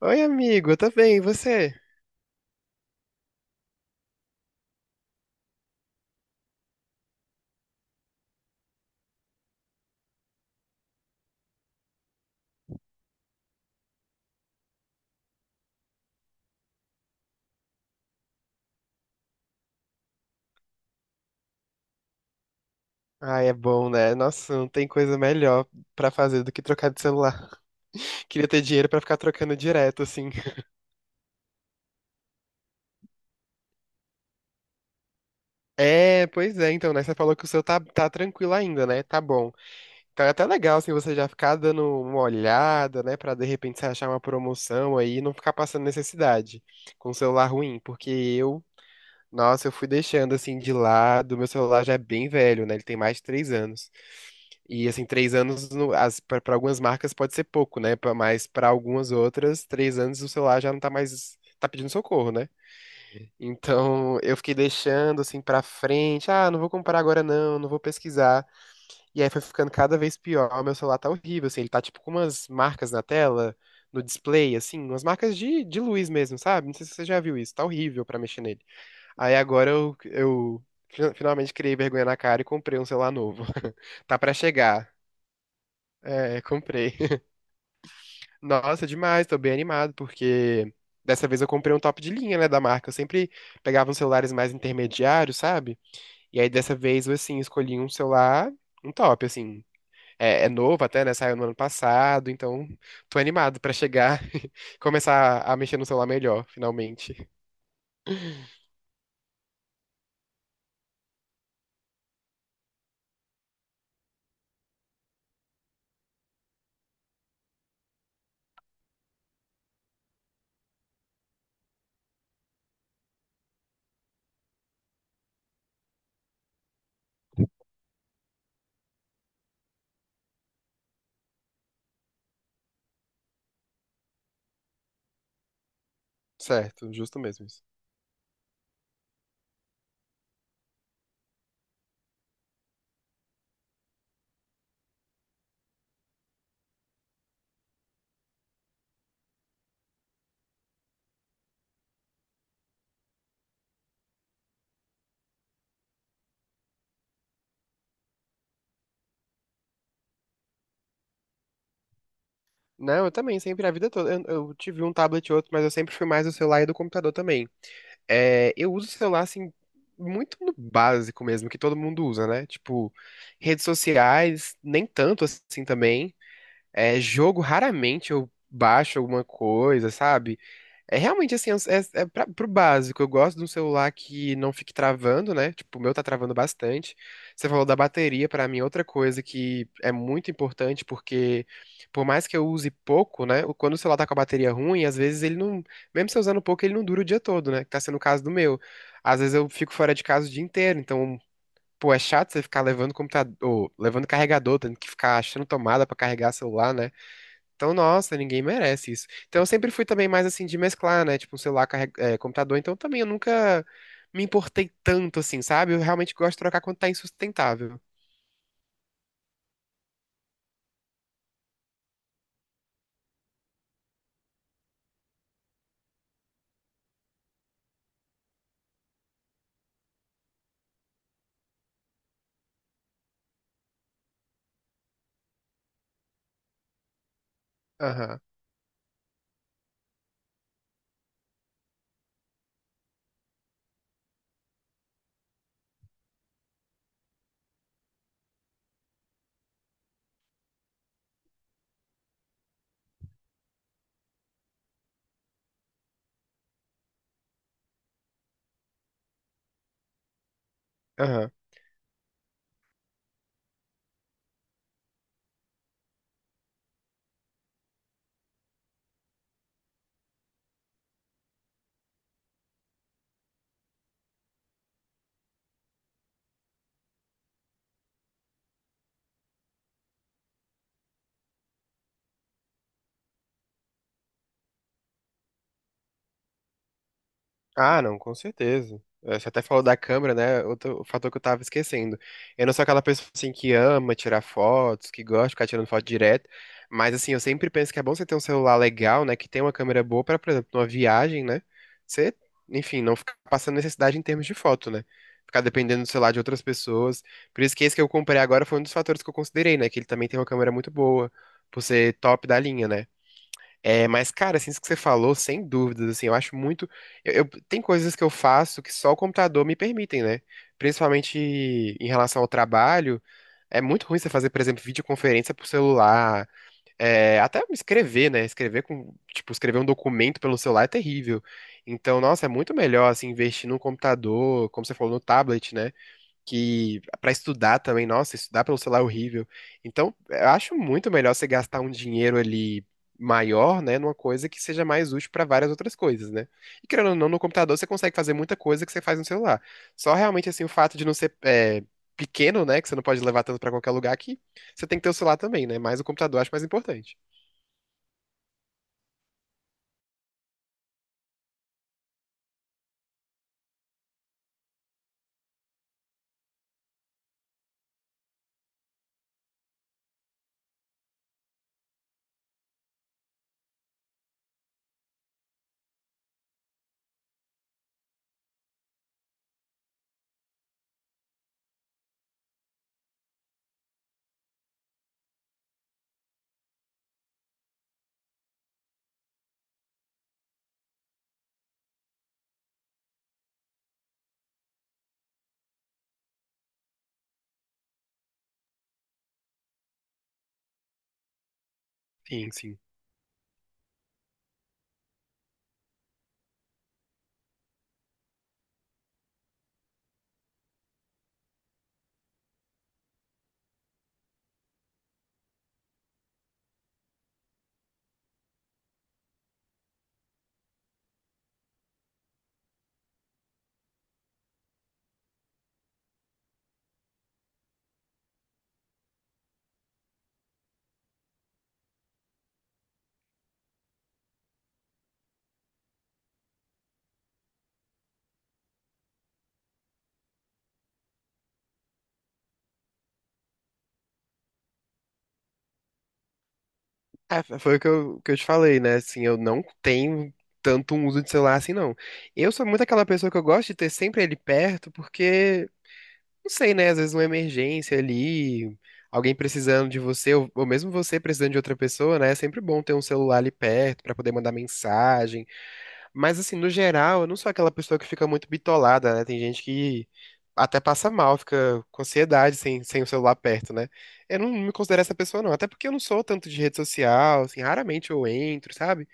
Oi, amigo, eu tô bem, e você? Ai, é bom, né? Nossa, não tem coisa melhor pra fazer do que trocar de celular. Queria ter dinheiro pra ficar trocando direto, assim. É, pois é, então, né? Você falou que o seu tá tranquilo ainda, né? Tá bom. Então é até legal, assim, você já ficar dando uma olhada, né? Pra de repente você achar uma promoção aí e não ficar passando necessidade com o celular ruim. Porque eu Nossa, eu fui deixando assim de lado. Meu celular já é bem velho, né? Ele tem mais de três anos. E assim, três anos para algumas marcas pode ser pouco, né? Mas para algumas outras, três anos o celular já não tá mais. Tá pedindo socorro, né? Então eu fiquei deixando assim pra frente. Ah, não vou comprar agora não, não vou pesquisar. E aí foi ficando cada vez pior. Meu celular tá horrível, assim. Ele tá tipo com umas marcas na tela, no display, assim, umas marcas de luz mesmo, sabe? Não sei se você já viu isso. Tá horrível pra mexer nele. Aí agora eu finalmente criei vergonha na cara e comprei um celular novo. Tá pra chegar. É, comprei. Nossa, demais, tô bem animado, porque dessa vez eu comprei um top de linha, né, da marca. Eu sempre pegava uns celulares mais intermediários, sabe? E aí dessa vez eu, assim, escolhi um celular, um top, assim. É, é novo até, né? Saiu no ano passado, então tô animado pra chegar e começar a mexer no celular melhor, finalmente. Certo, justo mesmo isso. Não, eu também, sempre, a vida toda. Eu tive um tablet e outro, mas eu sempre fui mais do celular e do computador também. É, eu uso o celular, assim, muito no básico mesmo, que todo mundo usa, né? Tipo, redes sociais, nem tanto assim também. É, jogo, raramente eu baixo alguma coisa, sabe? É realmente assim, é pra, pro básico. Eu gosto de um celular que não fique travando, né? Tipo, o meu tá travando bastante. Você falou da bateria, pra mim, é outra coisa que é muito importante, porque por mais que eu use pouco, né? Quando o celular tá com a bateria ruim, às vezes ele não. Mesmo se eu usando pouco, ele não dura o dia todo, né? Que tá sendo o caso do meu. Às vezes eu fico fora de casa o dia inteiro, então. Pô, é chato você ficar levando computador, levando carregador, tendo que ficar achando tomada pra carregar celular, né? Então, nossa, ninguém merece isso. Então, eu sempre fui também mais assim de mesclar, né? Tipo, um celular, computador. Então, também eu nunca me importei tanto assim, sabe? Eu realmente gosto de trocar quando tá insustentável. Aham, aham. Ah, não, com certeza. Você até falou da câmera, né? Outro fator que eu tava esquecendo. Eu não sou aquela pessoa assim que ama tirar fotos, que gosta de ficar tirando foto direto, mas assim, eu sempre penso que é bom você ter um celular legal, né, que tem uma câmera boa pra, por exemplo, numa viagem, né? Você, enfim, não ficar passando necessidade em termos de foto, né? Ficar dependendo do celular de outras pessoas. Por isso que esse que eu comprei agora foi um dos fatores que eu considerei, né, que ele também tem uma câmera muito boa, por ser top da linha, né? É, mas, cara, assim, isso que você falou, sem dúvidas, assim, eu acho muito. Tem coisas que eu faço que só o computador me permitem, né? Principalmente em relação ao trabalho. É muito ruim você fazer, por exemplo, videoconferência por celular. É, até escrever, né? Escrever com. Tipo, escrever um documento pelo celular é terrível. Então, nossa, é muito melhor, assim, investir num computador, como você falou, no tablet, né? Que para estudar também, nossa, estudar pelo celular é horrível. Então, eu acho muito melhor você gastar um dinheiro ali maior, né, numa coisa que seja mais útil para várias outras coisas, né? E querendo ou não, no computador você consegue fazer muita coisa que você faz no celular. Só realmente assim o fato de não ser pequeno, né, que você não pode levar tanto para qualquer lugar que você tem que ter o celular também, né? Mas o computador eu acho mais importante. Sim, sim. É, foi o que eu te falei, né? Assim, eu não tenho tanto um uso de celular assim, não. Eu sou muito aquela pessoa que eu gosto de ter sempre ele perto, porque, não sei, né? Às vezes uma emergência ali, alguém precisando de você, ou mesmo você precisando de outra pessoa, né? É sempre bom ter um celular ali perto pra poder mandar mensagem. Mas assim, no geral, eu não sou aquela pessoa que fica muito bitolada, né? Tem gente que até passa mal, fica com ansiedade sem o celular perto, né? Eu não me considero essa pessoa, não. Até porque eu não sou tanto de rede social, assim, raramente eu entro, sabe?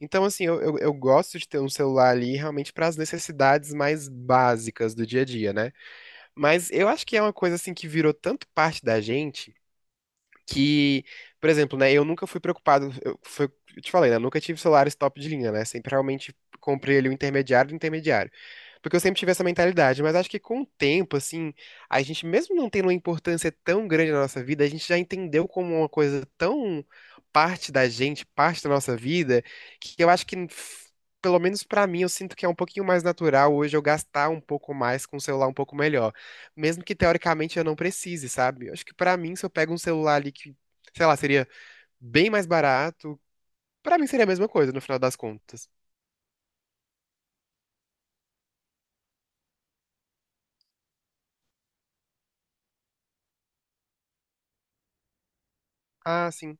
Então, assim, eu gosto de ter um celular ali realmente para as necessidades mais básicas do dia a dia, né? Mas eu acho que é uma coisa, assim, que virou tanto parte da gente que, por exemplo, né, eu nunca fui preocupado, eu te falei, né, eu nunca tive celulares top de linha, né, sempre realmente comprei ali o intermediário do intermediário, porque eu sempre tive essa mentalidade, mas acho que com o tempo, assim, a gente mesmo não tendo uma importância tão grande na nossa vida, a gente já entendeu como uma coisa tão parte da gente, parte da nossa vida, que eu acho que pelo menos pra mim, eu sinto que é um pouquinho mais natural hoje eu gastar um pouco mais com um celular um pouco melhor mesmo que teoricamente eu não precise, sabe? Eu acho que pra mim, se eu pego um celular ali que, sei lá, seria bem mais barato, pra mim seria a mesma coisa no final das contas. Ah, sim.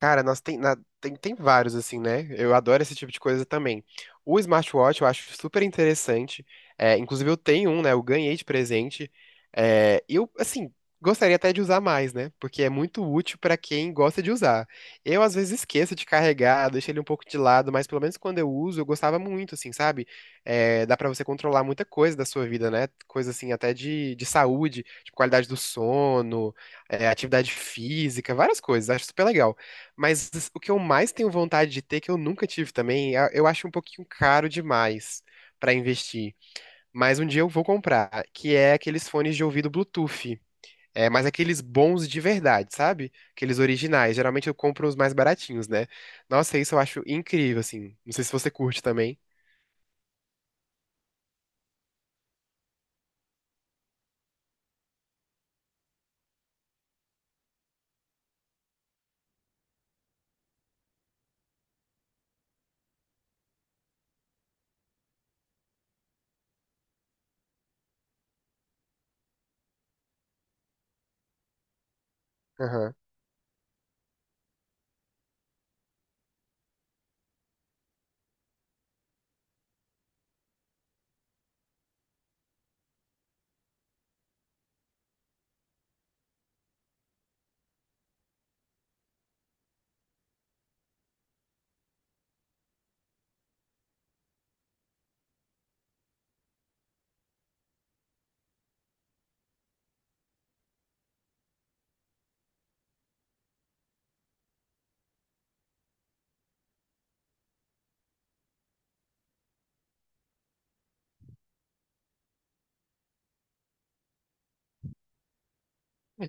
Cara, tem, tem vários, assim, né? Eu adoro esse tipo de coisa também. O smartwatch eu acho super interessante. É, inclusive, eu tenho um, né? Eu ganhei de presente. É, eu, assim, gostaria até de usar mais, né? Porque é muito útil pra quem gosta de usar. Eu, às vezes, esqueço de carregar, deixo ele um pouco de lado, mas pelo menos quando eu uso, eu gostava muito, assim, sabe? É, dá pra você controlar muita coisa da sua vida, né? Coisa, assim, até de saúde, tipo qualidade do sono, é, atividade física, várias coisas. Acho super legal. Mas o que eu mais tenho vontade de ter, que eu nunca tive também, eu acho um pouquinho caro demais pra investir. Mas um dia eu vou comprar, que é aqueles fones de ouvido Bluetooth. É, mas aqueles bons de verdade, sabe? Aqueles originais. Geralmente eu compro os mais baratinhos, né? Nossa, isso eu acho incrível, assim. Não sei se você curte também.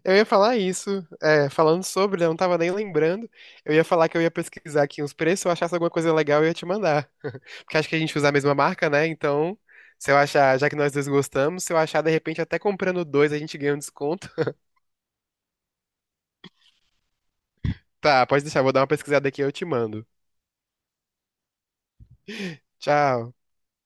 Eu ia falar isso, é, falando sobre, né, eu não tava nem lembrando. Eu ia falar que eu ia pesquisar aqui uns preços, se eu achasse alguma coisa legal, eu ia te mandar. Porque acho que a gente usa a mesma marca, né? Então, se eu achar, já que nós dois gostamos, se eu achar, de repente, até comprando dois, a gente ganha um desconto. Tá, pode deixar, vou dar uma pesquisada aqui e eu te mando. Tchau.